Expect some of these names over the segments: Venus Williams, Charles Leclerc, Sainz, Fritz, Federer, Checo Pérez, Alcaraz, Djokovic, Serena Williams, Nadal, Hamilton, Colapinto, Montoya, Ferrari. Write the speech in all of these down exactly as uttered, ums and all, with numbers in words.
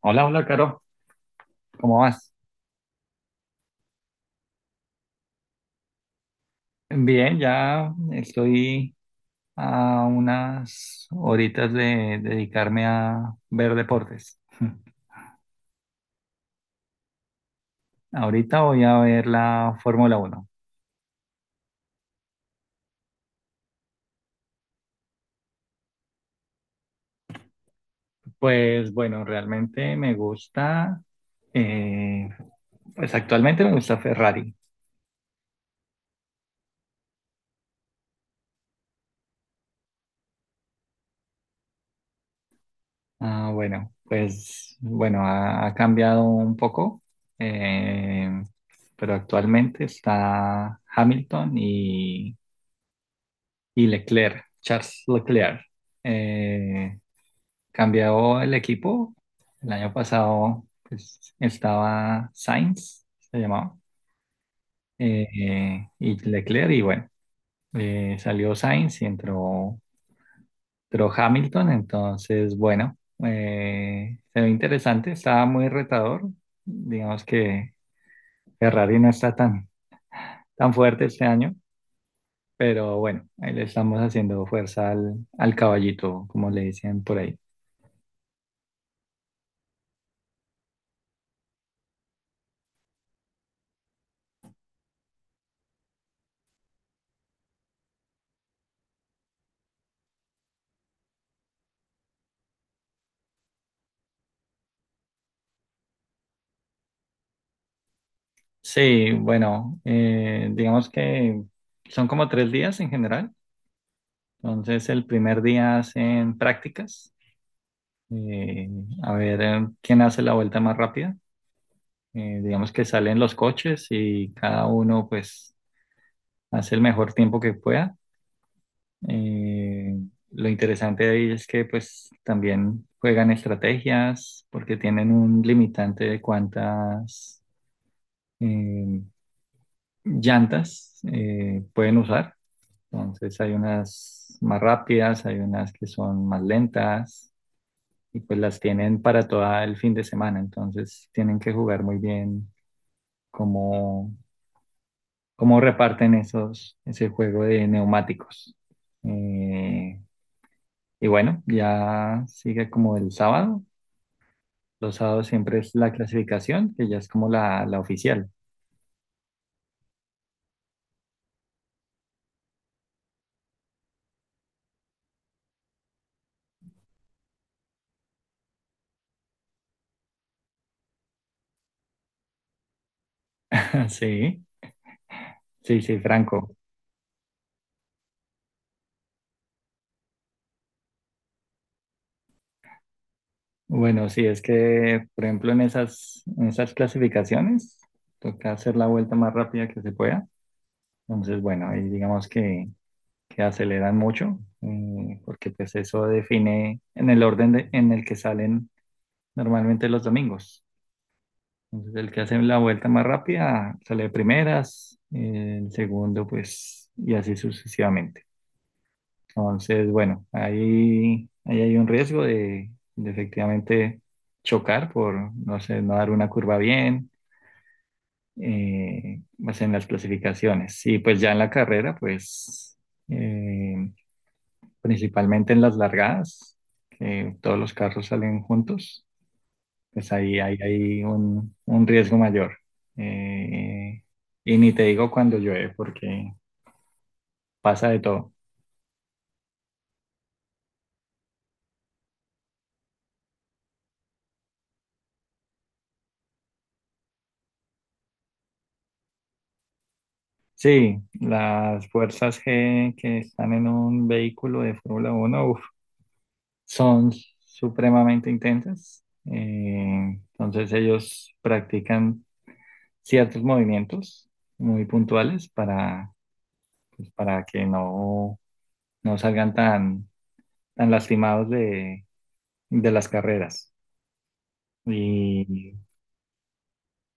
Hola, hola, Caro, ¿cómo vas? Bien, ya estoy a unas horitas de dedicarme a ver deportes. Ahorita voy a ver la Fórmula Uno. Pues bueno, realmente me gusta, eh, pues actualmente me gusta Ferrari. Ah, bueno, pues bueno, ha, ha cambiado un poco, eh, pero actualmente está Hamilton y Leclerc, Charles Leclerc. Eh, Cambió el equipo. El año pasado pues, estaba Sainz, se llamaba, eh, y Leclerc, y bueno, eh, salió Sainz y entró, entró Hamilton. Entonces, bueno, eh, se ve interesante, estaba muy retador. Digamos que Ferrari no está tan, tan fuerte este año, pero bueno, ahí le estamos haciendo fuerza al, al caballito, como le dicen por ahí. Sí, bueno, eh, digamos que son como tres días en general. Entonces, el primer día hacen prácticas, eh, a ver eh, quién hace la vuelta más rápida. Eh, digamos que salen los coches y cada uno pues hace el mejor tiempo que pueda. Eh, lo interesante de ahí es que pues también juegan estrategias porque tienen un limitante de cuántas eh, llantas eh, pueden usar. Entonces hay unas más rápidas, hay unas que son más lentas y pues las tienen para todo el fin de semana. Entonces tienen que jugar muy bien cómo, cómo reparten esos, ese juego de neumáticos. Eh, y bueno, ya sigue como el sábado. Los sábados siempre es la clasificación, que ya es como la, la oficial. Sí, sí, sí, Franco. Bueno, sí, es que, por ejemplo, en esas, en esas clasificaciones, toca hacer la vuelta más rápida que se pueda. Entonces, bueno, ahí digamos que, que aceleran mucho, eh, porque pues eso define en el orden de- en el que salen normalmente los domingos. Entonces, el que hace la vuelta más rápida sale de primeras, el segundo, pues, y así sucesivamente. Entonces, bueno, ahí, ahí hay un riesgo de, de efectivamente chocar por, no sé, no dar una curva bien, eh, pues en las clasificaciones. Y pues ya en la carrera, pues eh, principalmente en las largadas, que todos los carros salen juntos, pues ahí, ahí hay un, un riesgo mayor. Eh, y ni te digo cuando llueve, porque pasa de todo. Sí, las fuerzas G que están en un vehículo de Fórmula Uno uf, son supremamente intensas. Eh, entonces ellos practican ciertos movimientos muy puntuales para, pues, para que no, no salgan tan, tan lastimados de, de las carreras. Y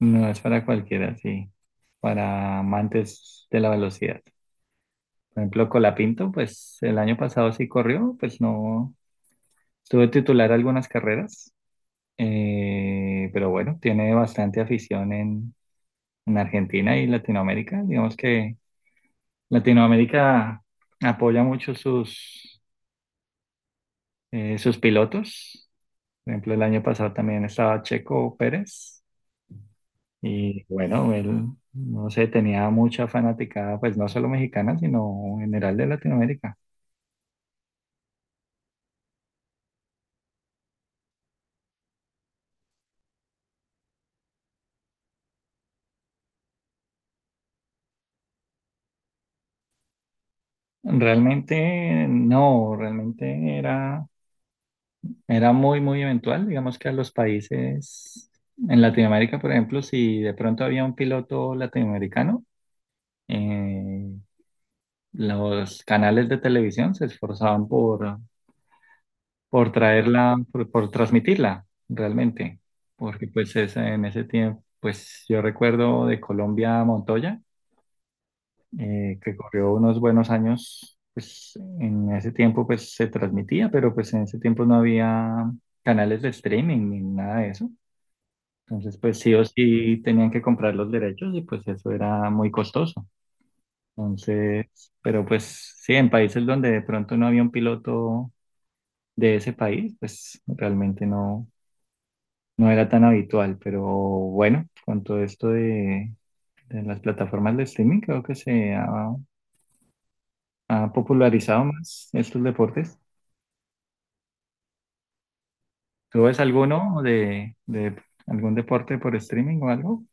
no es para cualquiera, sí, para amantes de la velocidad. Por ejemplo, Colapinto, pues el año pasado sí corrió, pues no, estuve titular algunas carreras, eh, pero bueno, tiene bastante afición en, en Argentina y Latinoamérica. Digamos que Latinoamérica apoya mucho sus, eh, sus pilotos. Por ejemplo, el año pasado también estaba Checo Pérez y bueno, él, no sé, tenía mucha fanaticada, pues no solo mexicana, sino en general de Latinoamérica. Realmente no, realmente era era muy, muy eventual, digamos que a los países en Latinoamérica, por ejemplo, si de pronto había un piloto latinoamericano, eh, los canales de televisión se esforzaban por, por traerla, por, por transmitirla realmente, porque pues es- en ese tiempo, pues yo recuerdo de Colombia a Montoya, eh, que corrió unos buenos años, pues en ese tiempo pues se transmitía, pero pues en ese tiempo no había canales de streaming ni nada de eso. Entonces, pues sí o sí tenían que comprar los derechos y pues eso era muy costoso. Entonces, pero pues sí, en países donde de pronto no había un piloto de ese país, pues realmente no, no era tan habitual. Pero bueno, con todo esto de, de las plataformas de streaming, creo que se ha, ha popularizado más estos deportes. ¿Tú ves alguno de, de algún deporte por streaming o algo?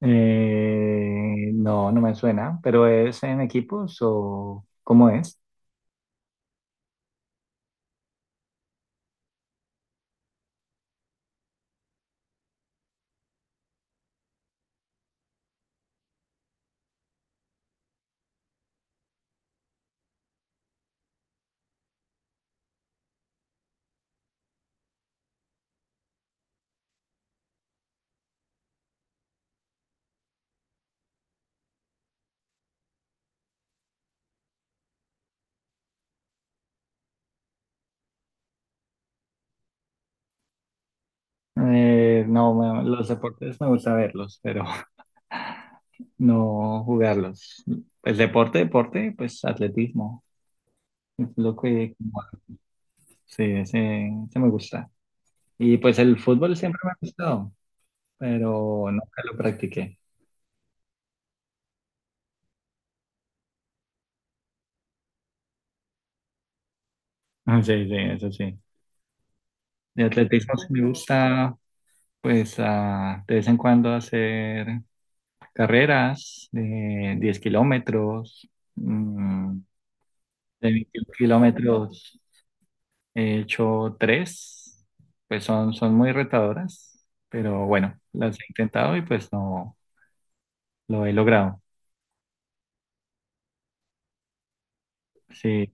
Eh, no, no me suena, pero ¿es en equipos o cómo es? Eh, no, me- los deportes me gusta verlos, pero no jugarlos. Pues deporte, deporte, pues atletismo, es lo que... Sí, ese, ese me gusta. Y pues el fútbol siempre me ha gustado, pero nunca lo practiqué. Ah, sí, sí, eso sí. De atletismo sí me gusta, pues ah, de vez en cuando hacer carreras de diez kilómetros, mm, de veintiún kilómetros he hecho tres, pues son, son muy retadoras, pero bueno, las he intentado y pues no lo he logrado. Sí,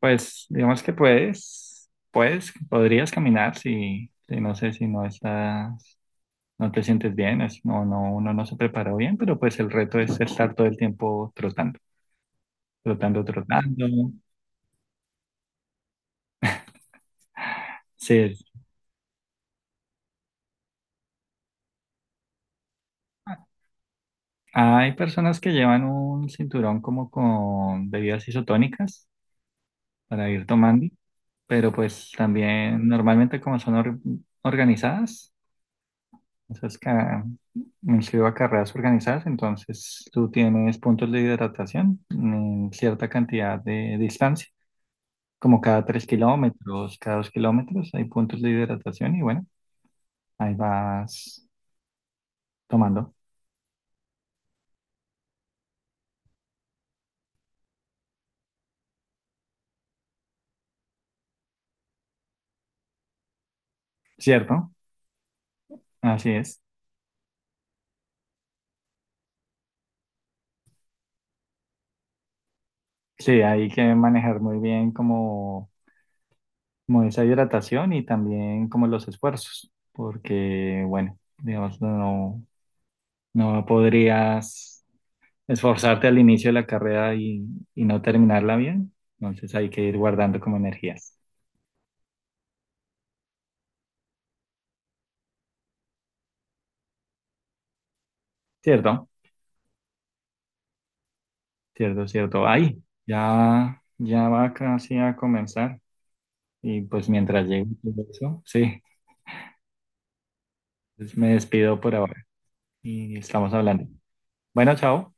pues digamos que puedes, puedes, podrías caminar si, si no sé, si no estás, no te sientes bien, es- no, no, uno no se preparó bien, pero pues el reto es estar todo el tiempo trotando, trotando, trotando. Sí, hay personas que llevan un cinturón como con bebidas isotónicas para ir tomando, pero pues también normalmente como son or- organizadas, esas ca- me inscribo a carreras organizadas, entonces tú tienes puntos de hidratación en cierta cantidad de distancia, como cada tres kilómetros, cada dos kilómetros hay puntos de hidratación y bueno, ahí vas tomando, ¿cierto? Así es. Sí, hay que manejar muy bien como como esa hidratación y también como los esfuerzos, porque bueno, digamos, no, no podrías esforzarte al inicio de la carrera y, y no terminarla bien, entonces hay que ir guardando como energías. Cierto, cierto, Cierto. Ahí, ya, ya va casi a comenzar y pues mientras llegue todo eso, sí, pues me despido por ahora y estamos hablando. Bueno, chao.